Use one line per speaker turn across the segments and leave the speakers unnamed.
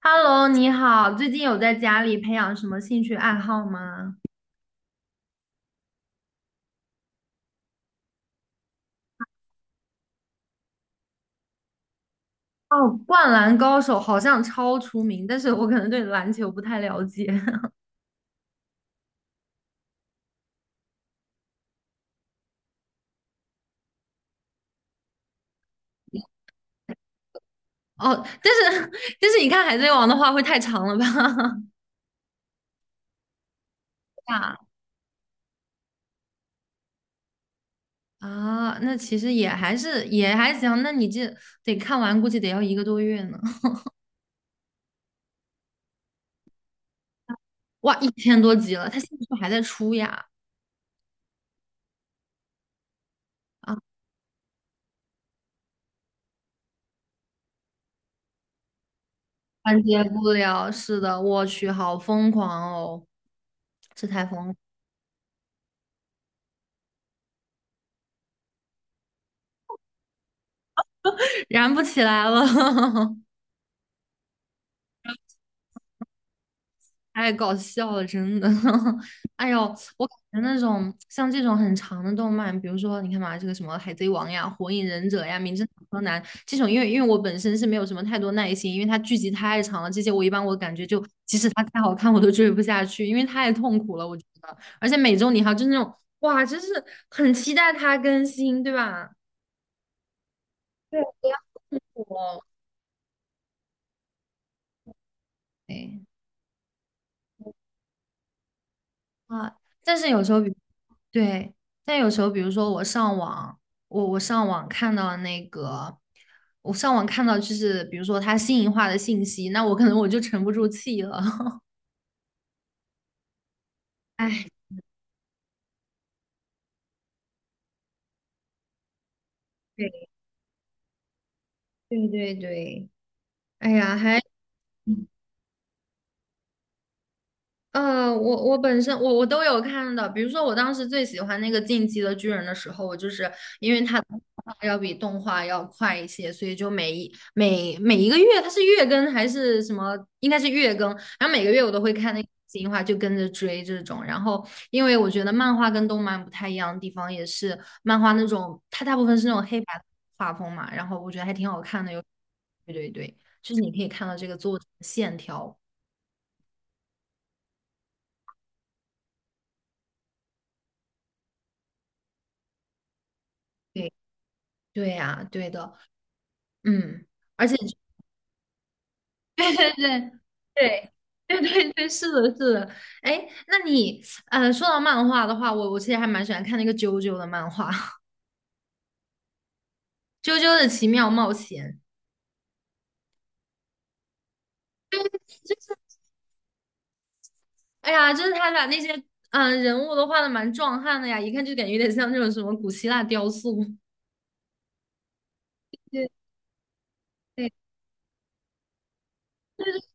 Hello，你好，最近有在家里培养什么兴趣爱好吗？哦，《灌篮高手》好像超出名，但是我可能对篮球不太了解。哦，但是 但是你看《海贼王》的话会太长了吧？啊啊，那其实也还是也还行，那你这得看完，估计得要一个多月呢。哇，一千多集了，他现在是不是还在出呀？完结不了，是的，我去，好疯狂哦，这太疯了，燃不起来了。太搞笑了，真的。哎呦，我感觉那种像这种很长的动漫，比如说你看嘛，这个什么《海贼王》呀、《火影忍者》呀、《名侦探柯南》这种，因为我本身是没有什么太多耐心，因为它剧集太长了，这些我一般我感觉就它太好看我都追不下去，因为太痛苦了，我觉得。而且每周你还就是那种哇，真是很期待它更新，对吧？对，不要痛苦哦。对。啊，但是有时候比，对，但有时候比如说我上网，我上网看到那个，我上网看到就是比如说他新颖化的信息，那我可能我就沉不住气了。哎，对对对对，哎呀，还。我本身我都有看的，比如说我当时最喜欢那个《进击的巨人》的时候，我就是因为它的动画要比动画要快一些，所以就每一个月它是月更还是什么，应该是月更，然后每个月我都会看那个新话，就跟着追这种。然后因为我觉得漫画跟动漫不太一样的地方，也是漫画那种它大部分是那种黑白画风嘛，然后我觉得还挺好看的，对对对，就是你可以看到这个作者的线条。对对呀，对的。嗯，而且 对对对对对对对，是的，是的。哎，那你说到漫画的话，我其实还蛮喜欢看那个啾啾的漫画，《啾啾的奇妙冒险》。哎呀，就是他把那些人物都画的蛮壮汉的呀，一看就感觉有点像那种什么古希腊雕塑。对对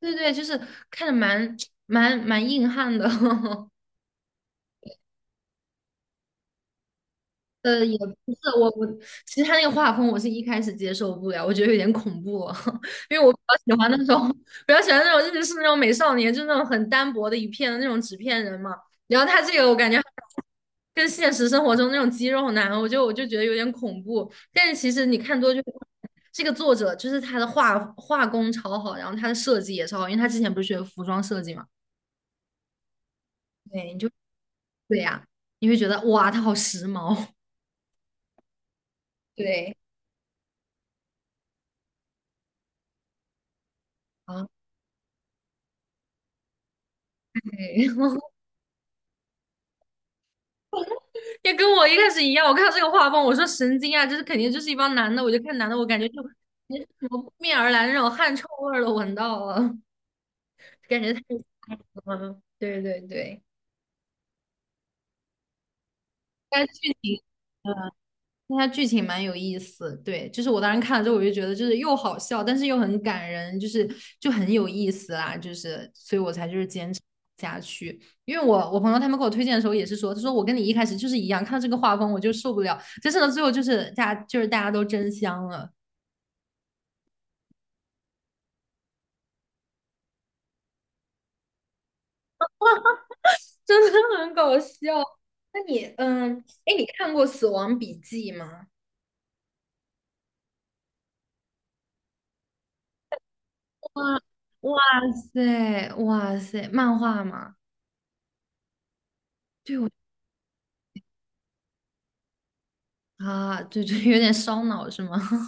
对对，就是看着蛮 蛮硬汉的。也不是我，其实他那个画风我是一开始接受不了，我觉得有点恐怖哦，因为我比较喜欢那种比较喜欢那种日式那种美少年，就那种很单薄的一片的那种纸片人嘛。然后他这个我感觉跟现实生活中那种肌肉男，我就觉得有点恐怖。但是其实你看多就会发现这个作者就是他的画工超好，然后他的设计也超好，因为他之前不是学服装设计嘛，对，对呀、你会觉得哇，他好时髦，对啊，对。也跟我一开始一样，我看到这个画风，我说神经啊，这是肯定就是一帮男的，我就看男的，我感觉感觉什么扑面而来那种汗臭味儿都闻到了，感觉太恶心了。对对对，但是剧情，呃，但它剧情蛮有意思。对，就是我当时看了之后，我就觉得就是又好笑，但是又很感人，就是就很有意思啦，就是所以我才就是坚持下去。因为我我朋友他们给我推荐的时候也是说，他说我跟你一开始就是一样，看到这个画风我就受不了，但是呢最后就是大家就是大家都真香了。真的很搞笑。那你，哎，你看过《死亡笔记》吗？哇哇塞哇塞，漫画吗？对我啊，对对，有点烧脑是吗？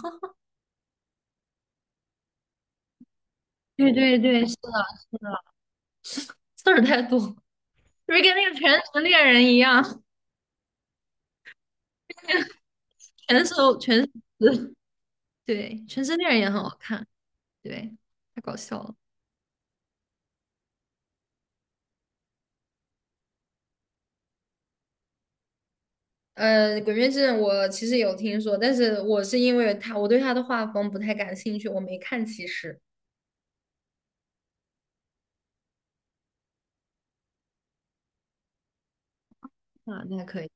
对对对，是的，字儿太多，不是跟那个《全职猎人》一样，全是全 是词对，《全职猎人》也很好看，对，太搞笑了。《鬼灭之刃》我其实有听说，但是我是因为他，我对他的画风不太感兴趣，我没看。其实，啊，那可以。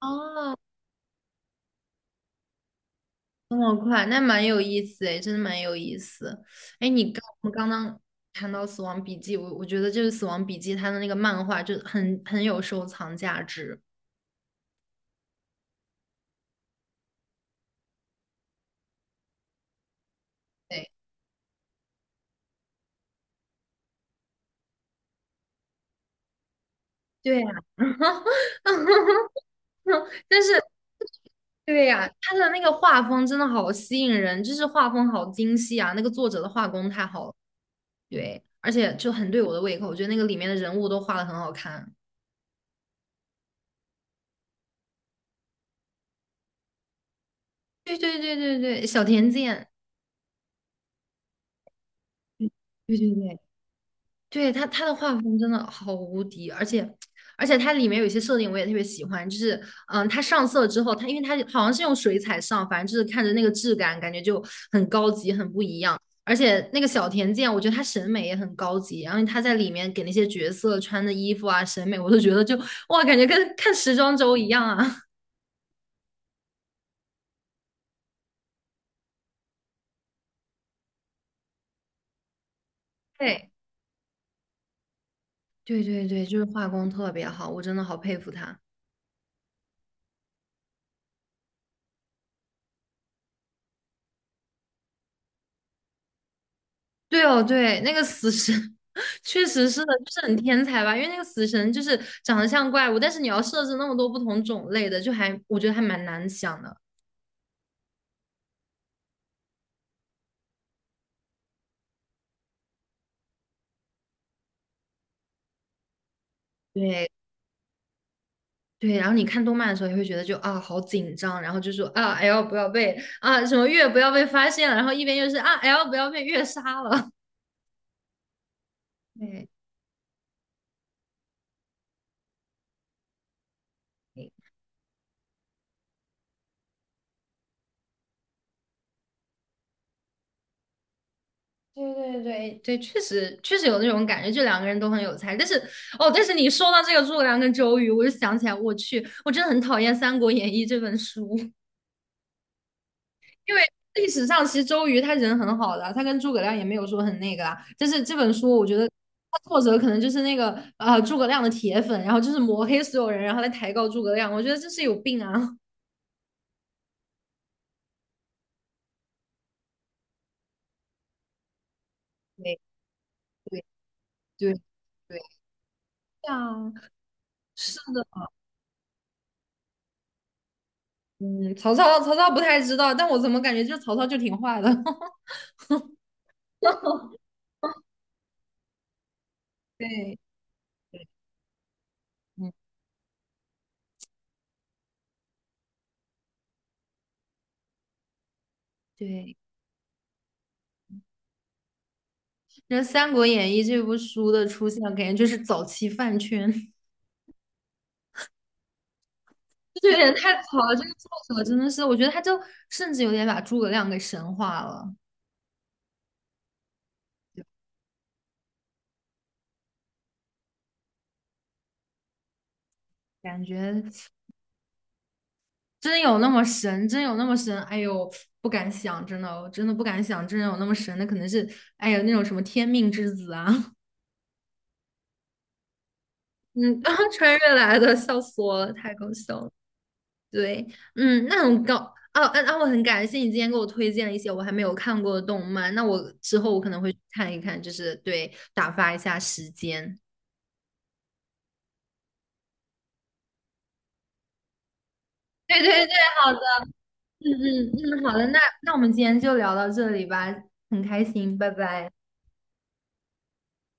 哦，这么快，那蛮有意思诶，真的蛮有意思。哎，你刚我们刚刚谈到《死亡笔记》，我觉得就是《死亡笔记》它的那个漫画就很有收藏价值。对对呀，但是对呀，它的那个画风真的好吸引人，就是画风好精细啊，那个作者的画工太好了，对，而且就很对我的胃口，我觉得那个里面的人物都画的很好看。对对对对对，小田健，对对对。对他的画风真的好无敌，而且它里面有一些设定我也特别喜欢，就是他上色之后，因为他好像是用水彩上，反正就是看着那个质感，感觉就很高级，很不一样。而且那个小田健，我觉得他审美也很高级，然后他在里面给那些角色穿的衣服啊，审美我都觉得就哇，感觉跟看时装周一样啊。对对对对，就是画工特别好，我真的好佩服他。对哦，对，那个死神 确实是的，就是很天才吧？因为那个死神就是长得像怪物，但是你要设置那么多不同种类的，就还我觉得还蛮难想的。对对，然后你看动漫的时候也会觉得就啊好紧张，然后就说啊 L 不要被啊什么月不要被发现了，然后一边又是啊 L 不要被月杀了。对。对对对对，确实有那种感觉，就两个人都很有才。但是哦，但是你说到这个诸葛亮跟周瑜，我就想起来，我去，我真的很讨厌《三国演义》这本书。因为历史上其实周瑜他人很好的啊，他跟诸葛亮也没有说很那个啦。就是这本书我觉得他作者可能就是那个诸葛亮的铁粉，然后就是抹黑所有人，然后来抬高诸葛亮。我觉得这是有病啊！对对对对，对啊，是的，嗯，曹操不太知道，但我怎么感觉就曹操就挺坏的？对对，嗯对。那《三国演义》这部书的出现，感觉就是早期饭圈。这有点太草了，这个作者真的是，我觉得他就甚至有点把诸葛亮给神化了，感觉真有那么神，真有那么神，哎呦，不敢想，真的哦，我真的不敢想，真有那么神，那可能是，哎呀，那种什么天命之子啊，嗯，穿越来的，笑死我了，太搞笑了。对，嗯，那很高，啊啊啊，我很感谢你今天给我推荐了一些我还没有看过的动漫，那我之后我可能会去看一看，就是对，打发一下时间。对对对，好。嗯嗯嗯，好的，那我们今天就聊到这里吧，很开心，拜拜。